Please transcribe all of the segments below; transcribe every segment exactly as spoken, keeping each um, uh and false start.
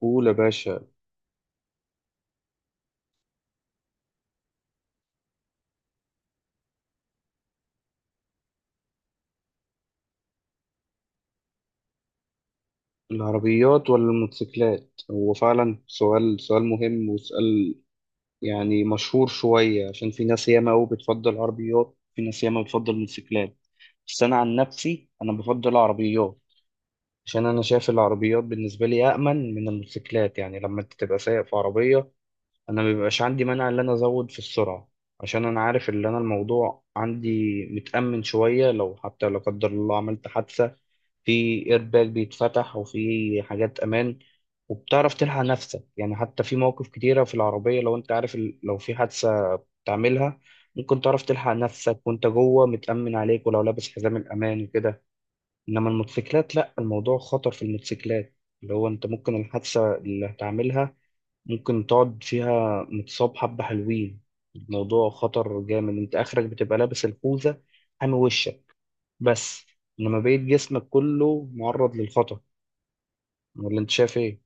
قول يا باشا. العربيات ولا الموتوسيكلات، هو فعلا سؤال سؤال مهم، وسؤال يعني مشهور شوية، عشان في ناس ياما أوي بتفضل العربيات، في ناس ياما بتفضل الموتوسيكلات. بس أنا عن نفسي أنا بفضل العربيات، عشان أنا شايف العربيات بالنسبة لي أأمن من الموتوسيكلات. يعني لما أنت تبقى سايق في عربية، أنا مبيبقاش عندي مانع إن أنا أزود في السرعة، عشان أنا عارف إن أنا الموضوع عندي متأمن شوية. لو حتى لا قدر الله عملت حادثة، في ايرباك بيتفتح، وفي حاجات امان، وبتعرف تلحق نفسك. يعني حتى في مواقف كتيرة في العربية، لو انت عارف ال- لو في حادثة تعملها، ممكن تعرف تلحق نفسك، وانت جوه متأمن عليك، ولو لابس حزام الأمان وكده. انما الموتوسيكلات لا، الموضوع خطر في الموتوسيكلات، اللي هو انت ممكن الحادثة اللي هتعملها، ممكن تقعد فيها متصاب حبة حلوين. الموضوع خطر جامد، انت اخرك بتبقى لابس الخوذة حامي وشك بس، انما بقية جسمك كله معرض للخطر. ولا انت شايف ايه؟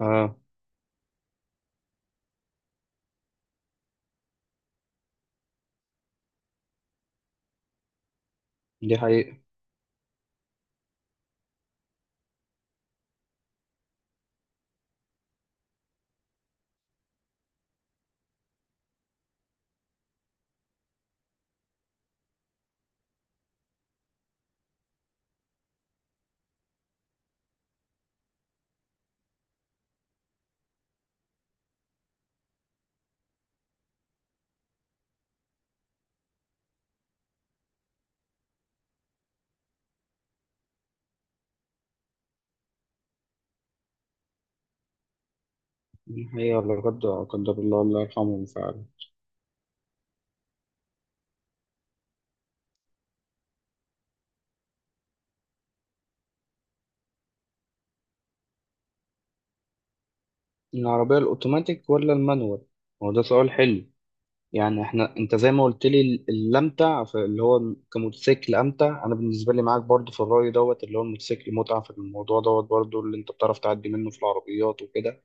اه، دي حقيقة. دي حقيقة، ولا قدر قدر الله، الله يرحمهم فعلا. العربية الأوتوماتيك ولا المانوال؟ هو ده سؤال حلو. يعني احنا انت زي ما قلت لي، ال- الأمتع في- اللي هو كموتوسيكل أمتع. أنا بالنسبة لي معاك برضو في الرأي دوت، اللي هو الموتوسيكل متعة في الموضوع دوت، برضو اللي انت بتعرف تعدي منه في العربيات وكده.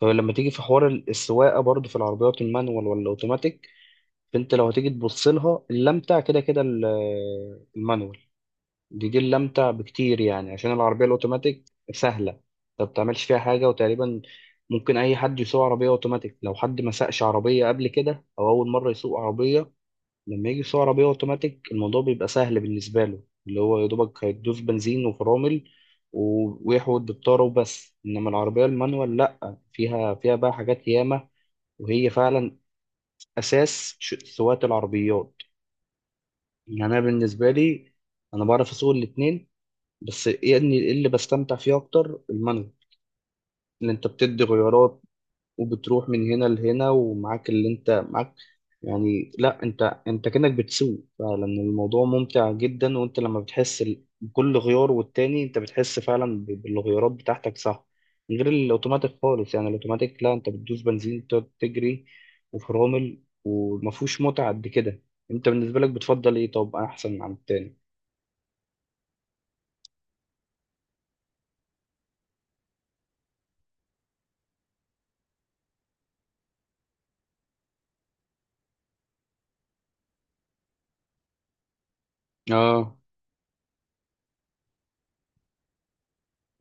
فلما تيجي في حوار ال- السواقة برضو في العربيات، المانوال ولا الأوتوماتيك؟ فانت لو هتيجي تبص لها، الأمتع كده كده ال- المانوال. دي دي اللي امتع بكتير، يعني عشان العربيه الاوتوماتيك سهله، انت ما بتعملش فيها حاجه. وتقريبا ممكن اي حد يسوق عربيه اوتوماتيك، لو حد ما سقش عربيه قبل كده، او اول مره يسوق عربيه، لما يجي يسوق عربيه اوتوماتيك، الموضوع بيبقى سهل بالنسبه له، اللي هو يا دوبك هيدوس بنزين وفرامل و- ويحود بالطاره وبس. انما العربيه المانوال لا، فيها فيها بقى حاجات ياما، وهي فعلا اساس ش- سواقه العربيات. يعني انا بالنسبه لي، انا بعرف اسوق الاتنين، بس يعني اللي بستمتع فيه اكتر المانجا، اللي انت بتدي غيارات، وبتروح من هنا لهنا ومعاك اللي انت معاك. يعني لا، انت انت كأنك بتسوق فعلا، الموضوع ممتع جدا. وانت لما بتحس ال- بكل غيار والتاني، انت بتحس فعلا ب- بالغيارات بتاعتك، صح؟ من غير الاوتوماتيك خالص. يعني الاوتوماتيك لا، انت بتدوس بنزين تقعد تجري وفرامل، ومفهوش متعة قد كده. انت بالنسبة لك بتفضل ايه؟ طب، احسن عن التاني؟ اه.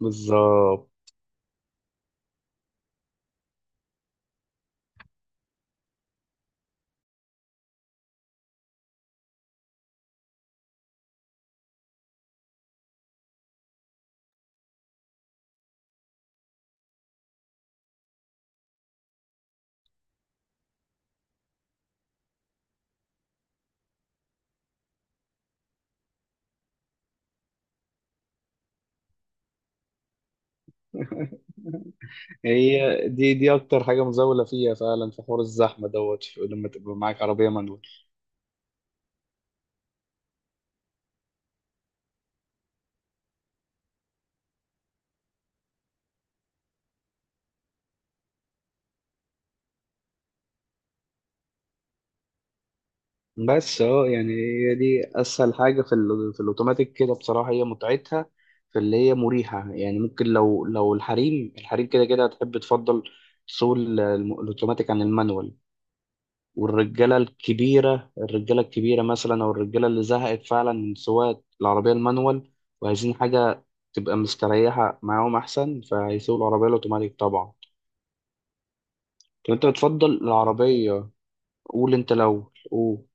بالظبط. هي دي دي اكتر حاجه مزاوله فيها فعلا، في حوار الزحمه دوت في- لما تبقى معاك عربيه مانوال. بس اه، يعني هي دي اسهل حاجه في ال- في الاوتوماتيك كده بصراحه، هي متعتها في اللي هي مريحه. يعني ممكن لو لو الحريم الحريم كده كده هتحب تفضل سوق ال- الم- الاوتوماتيك عن المانوال. والرجاله الكبيره، الرجاله الكبيره مثلا، او الرجاله اللي زهقت فعلا من سواقه العربيه المانوال، وعايزين حاجه تبقى مستريحه معاهم احسن، فهيسوقوا العربيه الاوتوماتيك طبعا. طب انت بتفضل العربية؟ قول انت، لو قول.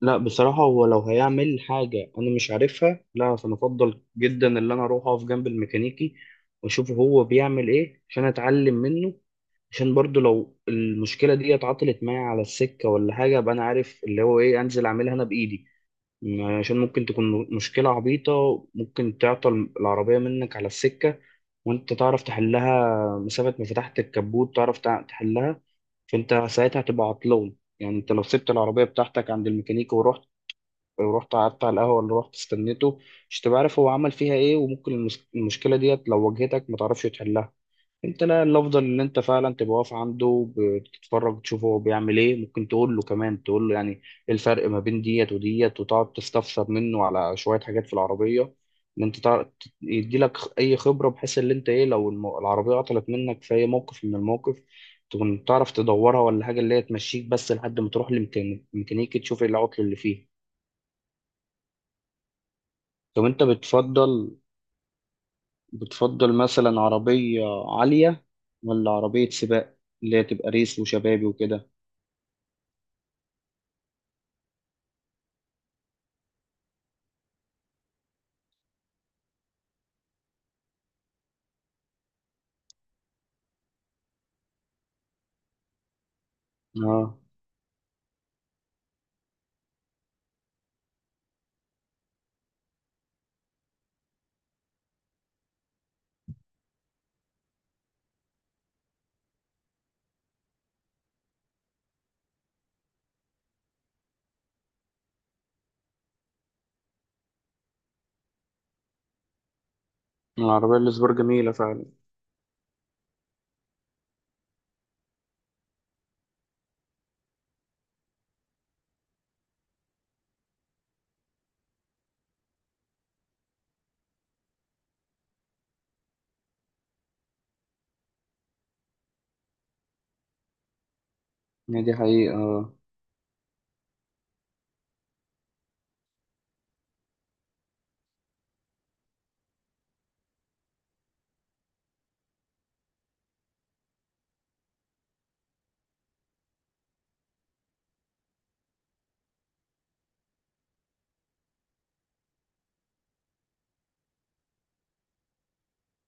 لا بصراحة، هو لو هيعمل حاجة انا مش عارفها، لا فانا افضل جدا اللي انا اروح اقف جنب الميكانيكي، واشوف هو بيعمل ايه عشان اتعلم منه. عشان برضو لو المشكلة دي اتعطلت معايا على السكة ولا حاجة، ابقى انا عارف اللي هو ايه، انزل اعملها انا بايدي. عشان ممكن تكون مشكلة عبيطة، ممكن تعطل العربية منك على السكة، وانت تعرف تحلها، مسافة ما فتحت الكبوت تعرف تع- تحلها. فانت ساعتها هتبقى عطلان. يعني انت لو سبت العربية بتاعتك عند الميكانيكي ورحت ورحت قعدت على القهوة اللي رحت استنيته، مش تبقى عارف هو عمل فيها ايه، وممكن المس- المشكلة ديت لو واجهتك ما تعرفش تحلها. انت لا، الافضل ان انت فعلا تبقى واقف عنده بتتفرج، تشوفه هو بيعمل ايه. ممكن تقول له كمان، تقول له يعني ايه الفرق ما بين ديت وديت، وتقعد تستفسر منه على شويه حاجات في العربيه، ان انت تعرف، يدي لك اي خبره، بحيث ان انت ايه، لو الم- العربيه عطلت منك في اي موقف من الموقف، تكون تعرف تدورها ولا حاجه اللي هي تمشيك بس، لحد ما تروح لميكانيكي تشوف ايه العطل اللي فيه. طب انت بتفضل بتفضل مثلا عربيه عاليه، ولا عربيه سباق اللي هي تبقى ريس وشبابي وكده؟ اه. العربية السبور جميلة فعلا. هي دي حقيقة آه.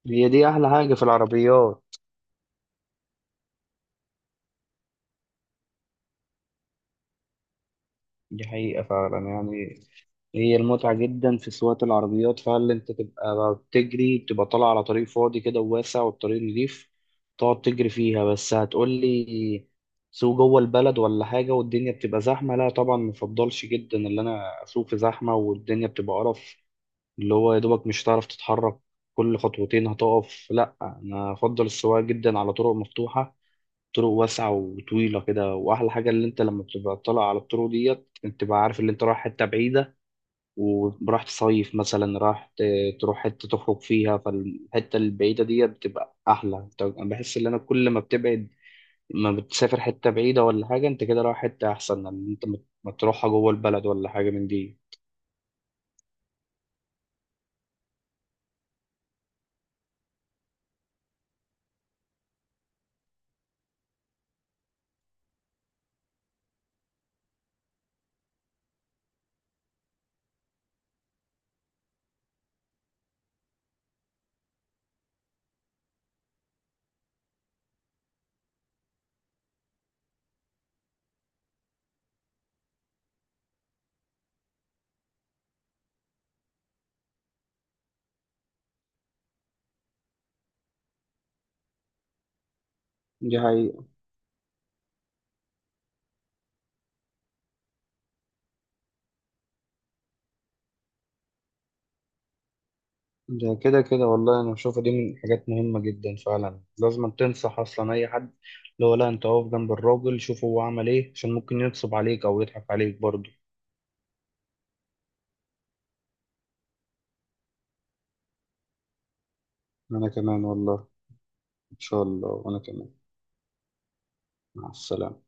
هي دي أحلى حاجة في العربيات. دي حقيقة فعلا، يعني هي المتعة جدا في سواقة العربيات فعلا، أنت تبقى بتجري، بتبقى طالع على طريق فاضي كده وواسع، والطريق نضيف، تقعد تجري فيها بس. هتقولي سوق جوه البلد ولا حاجة والدنيا بتبقى زحمة؟ لا طبعا، مفضلش جدا اللي أنا أسوق في زحمة والدنيا بتبقى قرف، اللي هو يا دوبك مش هتعرف تتحرك، كل خطوتين هتقف. لا انا افضل السواقه جدا على طرق مفتوحه، طرق واسعه وطويله كده. واحلى حاجه اللي انت لما بتبقى طالع على الطرق ديت، انت بقى عارف اللي انت رايح حته بعيده، وراح تصيف مثلا، راح ت- تروح حته تخرج فيها، فالحته البعيده ديت بتبقى احلى. انت انا بحس ان انا كل ما بتبعد، ما بتسافر حته بعيده ولا حاجه، انت كده رايح حته احسن من إن انت ما ما تروحها جوه البلد ولا حاجه من دي. دي حقيقة. ده كده كده والله انا بشوفها دي من الحاجات مهمه جدا فعلا، لازم تنصح اصلا اي حد، اللي هو لا، انت اقف جنب الراجل شوف هو عمل ايه، عشان ممكن ينصب عليك او يضحك عليك برضه. انا كمان والله. ان شاء الله، وانا كمان. مع السلامه.